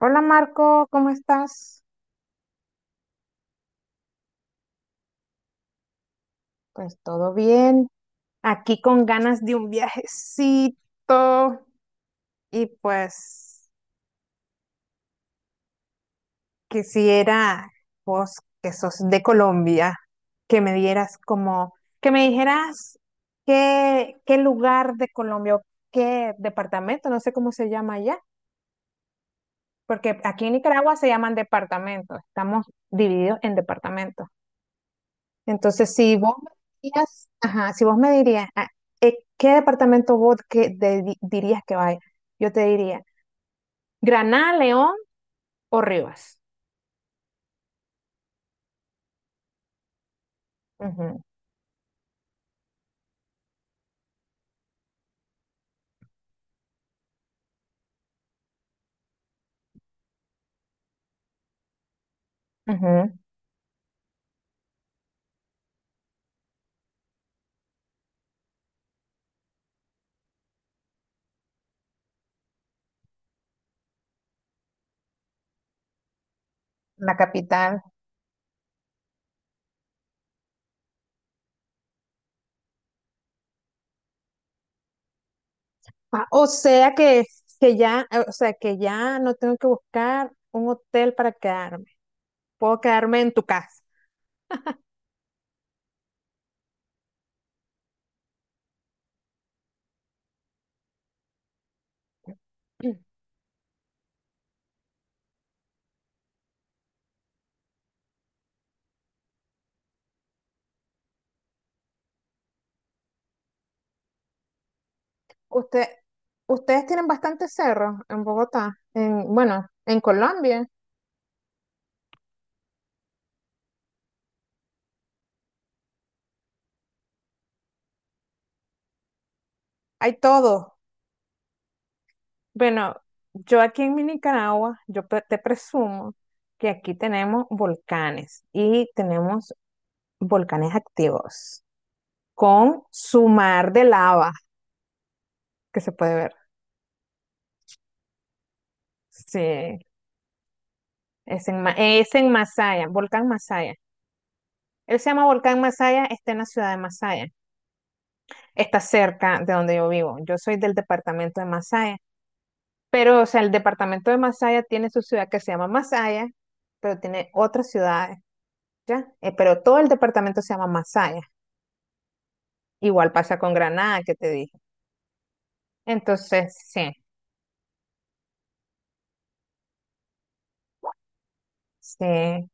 Hola Marco, ¿cómo estás? Pues todo bien. Aquí con ganas de un viajecito y pues quisiera vos que sos de Colombia, que me dieras como, que me dijeras qué lugar de Colombia o qué departamento, no sé cómo se llama allá, porque aquí en Nicaragua se llaman departamentos, estamos divididos en departamentos. Entonces, si vos me dirías, ajá, si vos me dirías, ¿qué departamento vos dirías que vaya? Yo te diría, Granada, León o Rivas. Ujú, ujú. La capital. Ah, o sea que, o sea que ya no tengo que buscar un hotel para quedarme. Puedo quedarme en tu casa. Mm. Usted, ustedes tienen bastantes cerros en Bogotá, en, bueno, en Colombia, hay todo. Bueno, yo aquí en mi Nicaragua, te presumo que aquí tenemos volcanes y tenemos volcanes activos con su mar de lava que se puede ver. Sí, es en Masaya, volcán Masaya. Él se llama Volcán Masaya, está en la ciudad de Masaya. Está cerca de donde yo vivo. Yo soy del departamento de Masaya. Pero, o sea, el departamento de Masaya tiene su ciudad que se llama Masaya, pero tiene otras ciudades, ¿ya? Pero todo el departamento se llama Masaya. Igual pasa con Granada, que te dije. Entonces, sí, sí.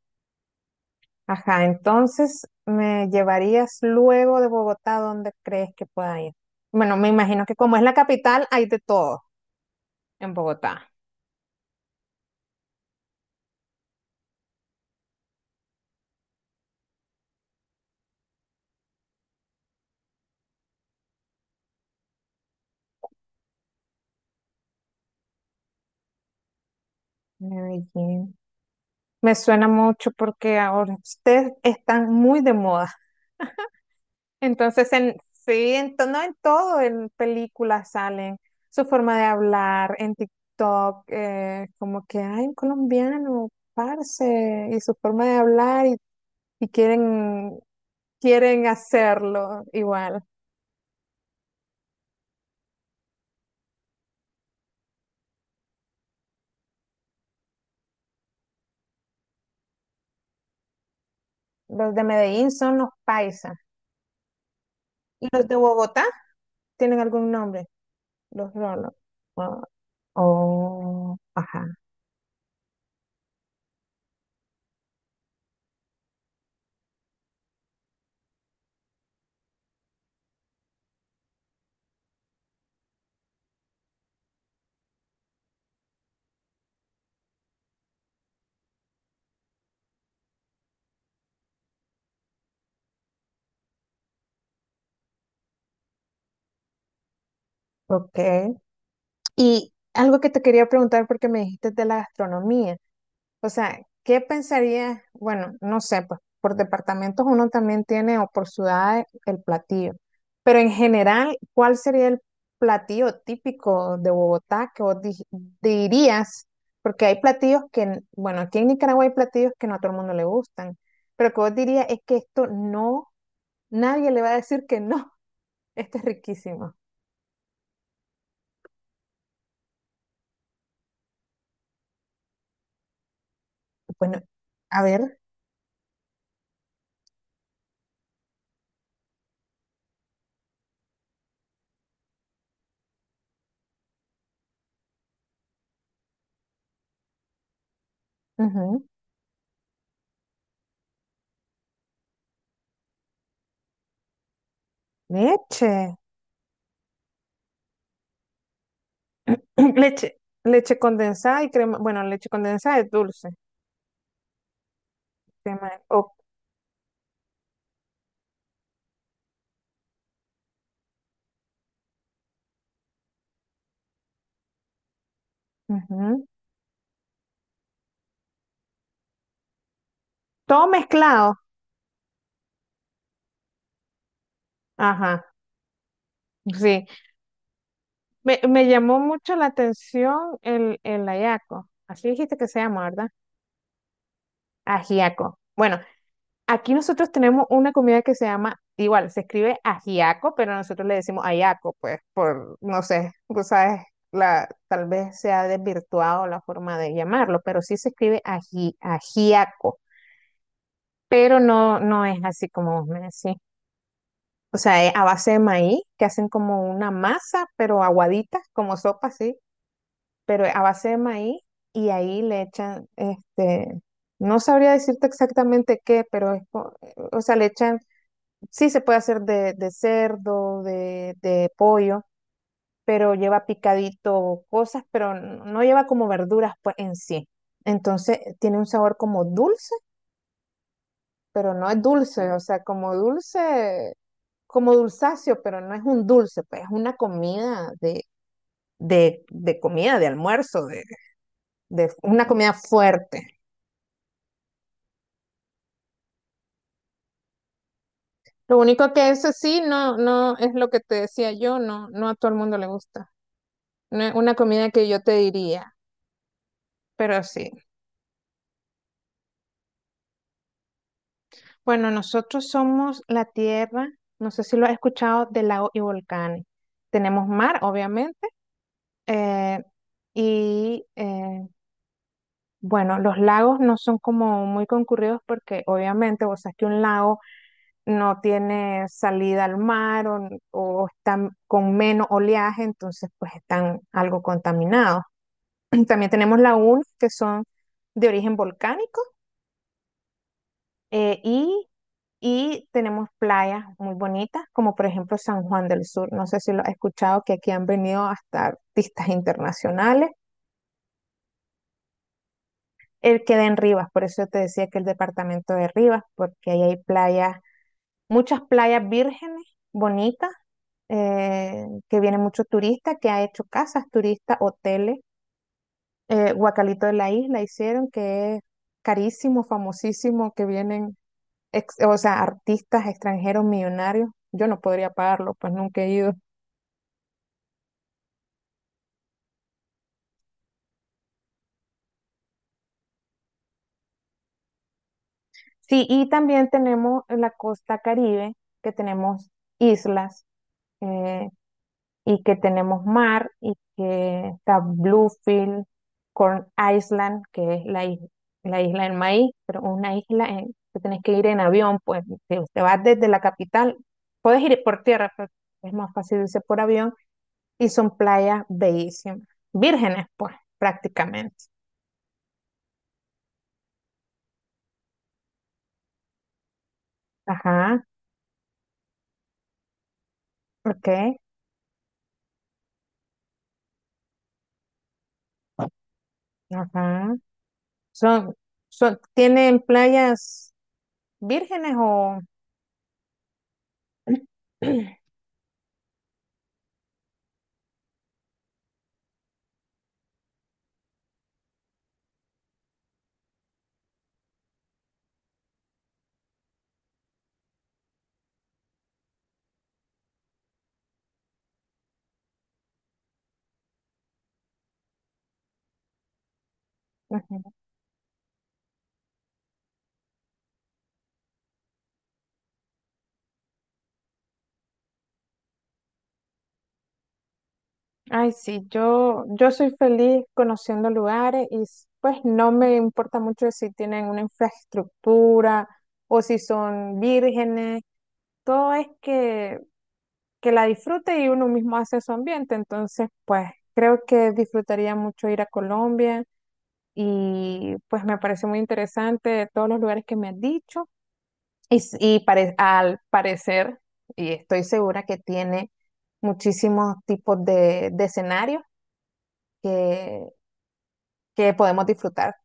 Ajá, entonces, ¿me llevarías luego de Bogotá? ¿Dónde crees que pueda ir? Bueno, me imagino que como es la capital, hay de todo en Bogotá. Medellín. Me suena mucho porque ahora ustedes están muy de moda. Entonces, en, sí, en, to- no en todo, en películas salen su forma de hablar, en TikTok, como que, ay, un colombiano, parce, y su forma de hablar, y, y quieren, quieren hacerlo igual. Los de Medellín son los paisas. ¿Y los de Bogotá tienen algún nombre? Los rolos. Ah, oh, ajá, ok. Y algo que te quería preguntar porque me dijiste de la gastronomía. O sea, ¿qué pensaría? Bueno, no sé, pues por departamentos uno también tiene o por ciudades el platillo, pero en general, ¿cuál sería el platillo típico de Bogotá dirías? Porque hay platillos que, n- bueno, aquí en Nicaragua hay platillos que no a todo el mundo le gustan, pero que vos dirías es que esto no, nadie le va a decir que no, esto es riquísimo. Bueno, a ver, ujú, leche. Leche, leche condensada y crema, bueno, leche condensada es dulce, crema, o- ujú. Todo mezclado, ajá, sí. Me llamó mucho la atención el ayaco, así dijiste que se llama, ¿verdad? Ajiaco. Bueno, aquí nosotros tenemos una comida que se llama, igual, se escribe ajiaco, pero nosotros le decimos ayaco, pues, por, no sé, tú sabes, la, tal vez se ha desvirtuado la forma de llamarlo, pero sí se escribe ajiaco. Pero no, no es así como vos me decís. O sea, es a base de maíz, que hacen como una masa, pero aguadita, como sopa, sí, pero a base de maíz y ahí le echan, este, no sabría decirte exactamente qué, pero es, co- o sea, le echan, sí se puede hacer de cerdo, de pollo, pero lleva picadito cosas, pero n- no lleva como verduras pues en sí. Entonces tiene un sabor como dulce, pero no es dulce, o sea, como dulce como dulzáceo, pero no es un dulce, pues es una comida de, de comida, de almuerzo, de una comida fuerte. Lo único que eso sí, no, no es lo que te decía yo, no, no a todo el mundo le gusta. No es una comida que yo te diría, pero sí. Bueno, nosotros somos la tierra, no sé si lo has escuchado, de lagos y volcanes. Tenemos mar, obviamente, eh, y eh, bueno, los lagos no son como muy concurridos porque obviamente vos sabés que un lago no tiene salida al mar o están con menos oleaje, entonces pues están algo contaminados. También tenemos lagunas que son de origen volcánico eh, y, y tenemos playas muy bonitas, como por ejemplo San Juan del Sur. No sé si lo has escuchado, que aquí han venido hasta artistas internacionales. Él queda en Rivas, por eso te decía que el departamento de Rivas, porque ahí hay playas muchas playas vírgenes, bonitas, que vienen muchos turistas, que ha hecho casas turistas, hoteles. Guacalito de la Isla hicieron, que es carísimo, famosísimo, que vienen, ex- o sea, artistas extranjeros millonarios. Yo no podría pagarlo, pues nunca he ido. Sí, y también tenemos la costa Caribe, que tenemos islas. Eh, y que tenemos mar y que está Bluefield, Corn Island, que es la, is- la isla del maíz, pero una isla en- que tenés que ir en avión, pues te vas desde la capital, puedes ir por tierra, pero es más fácil irse por avión y son playas bellísimas, vírgenes, pues prácticamente. Ajá, ok, ajá. Son, son, ¿tienen playas vírgenes o... Ujú. Ay, sí, yo soy feliz conociendo lugares y s- pues no me importa mucho si tienen una infraestructura o si son vírgenes, todo es que la disfrute y uno mismo hace su ambiente, entonces pues creo que disfrutaría mucho ir a Colombia y pues me parece muy interesante todos los lugares que me has dicho y, s- y pare- al parecer, y estoy segura que tiene muchísimos tipos de escenarios que, que podemos disfrutar.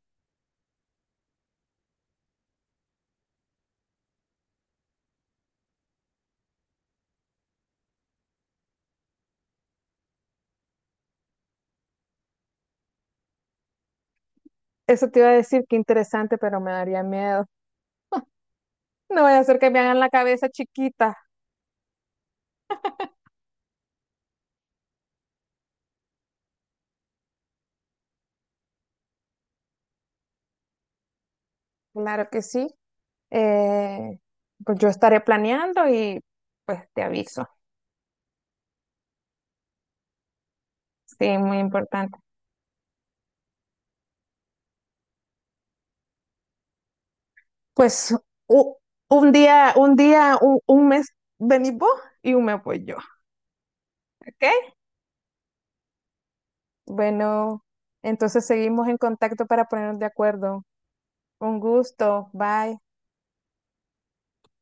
Eso te iba a decir, qué interesante, pero me daría miedo. No voy a hacer que me hagan la cabeza chiquita. Claro que sí. Eh, pues yo estaré planeando y pues te aviso. Sí, muy importante. Pues u- un día, un día, un mes venís vos y un mes voy yo. ¿Ok? Bueno, entonces seguimos en contacto para ponernos de acuerdo. Un gusto. Bye.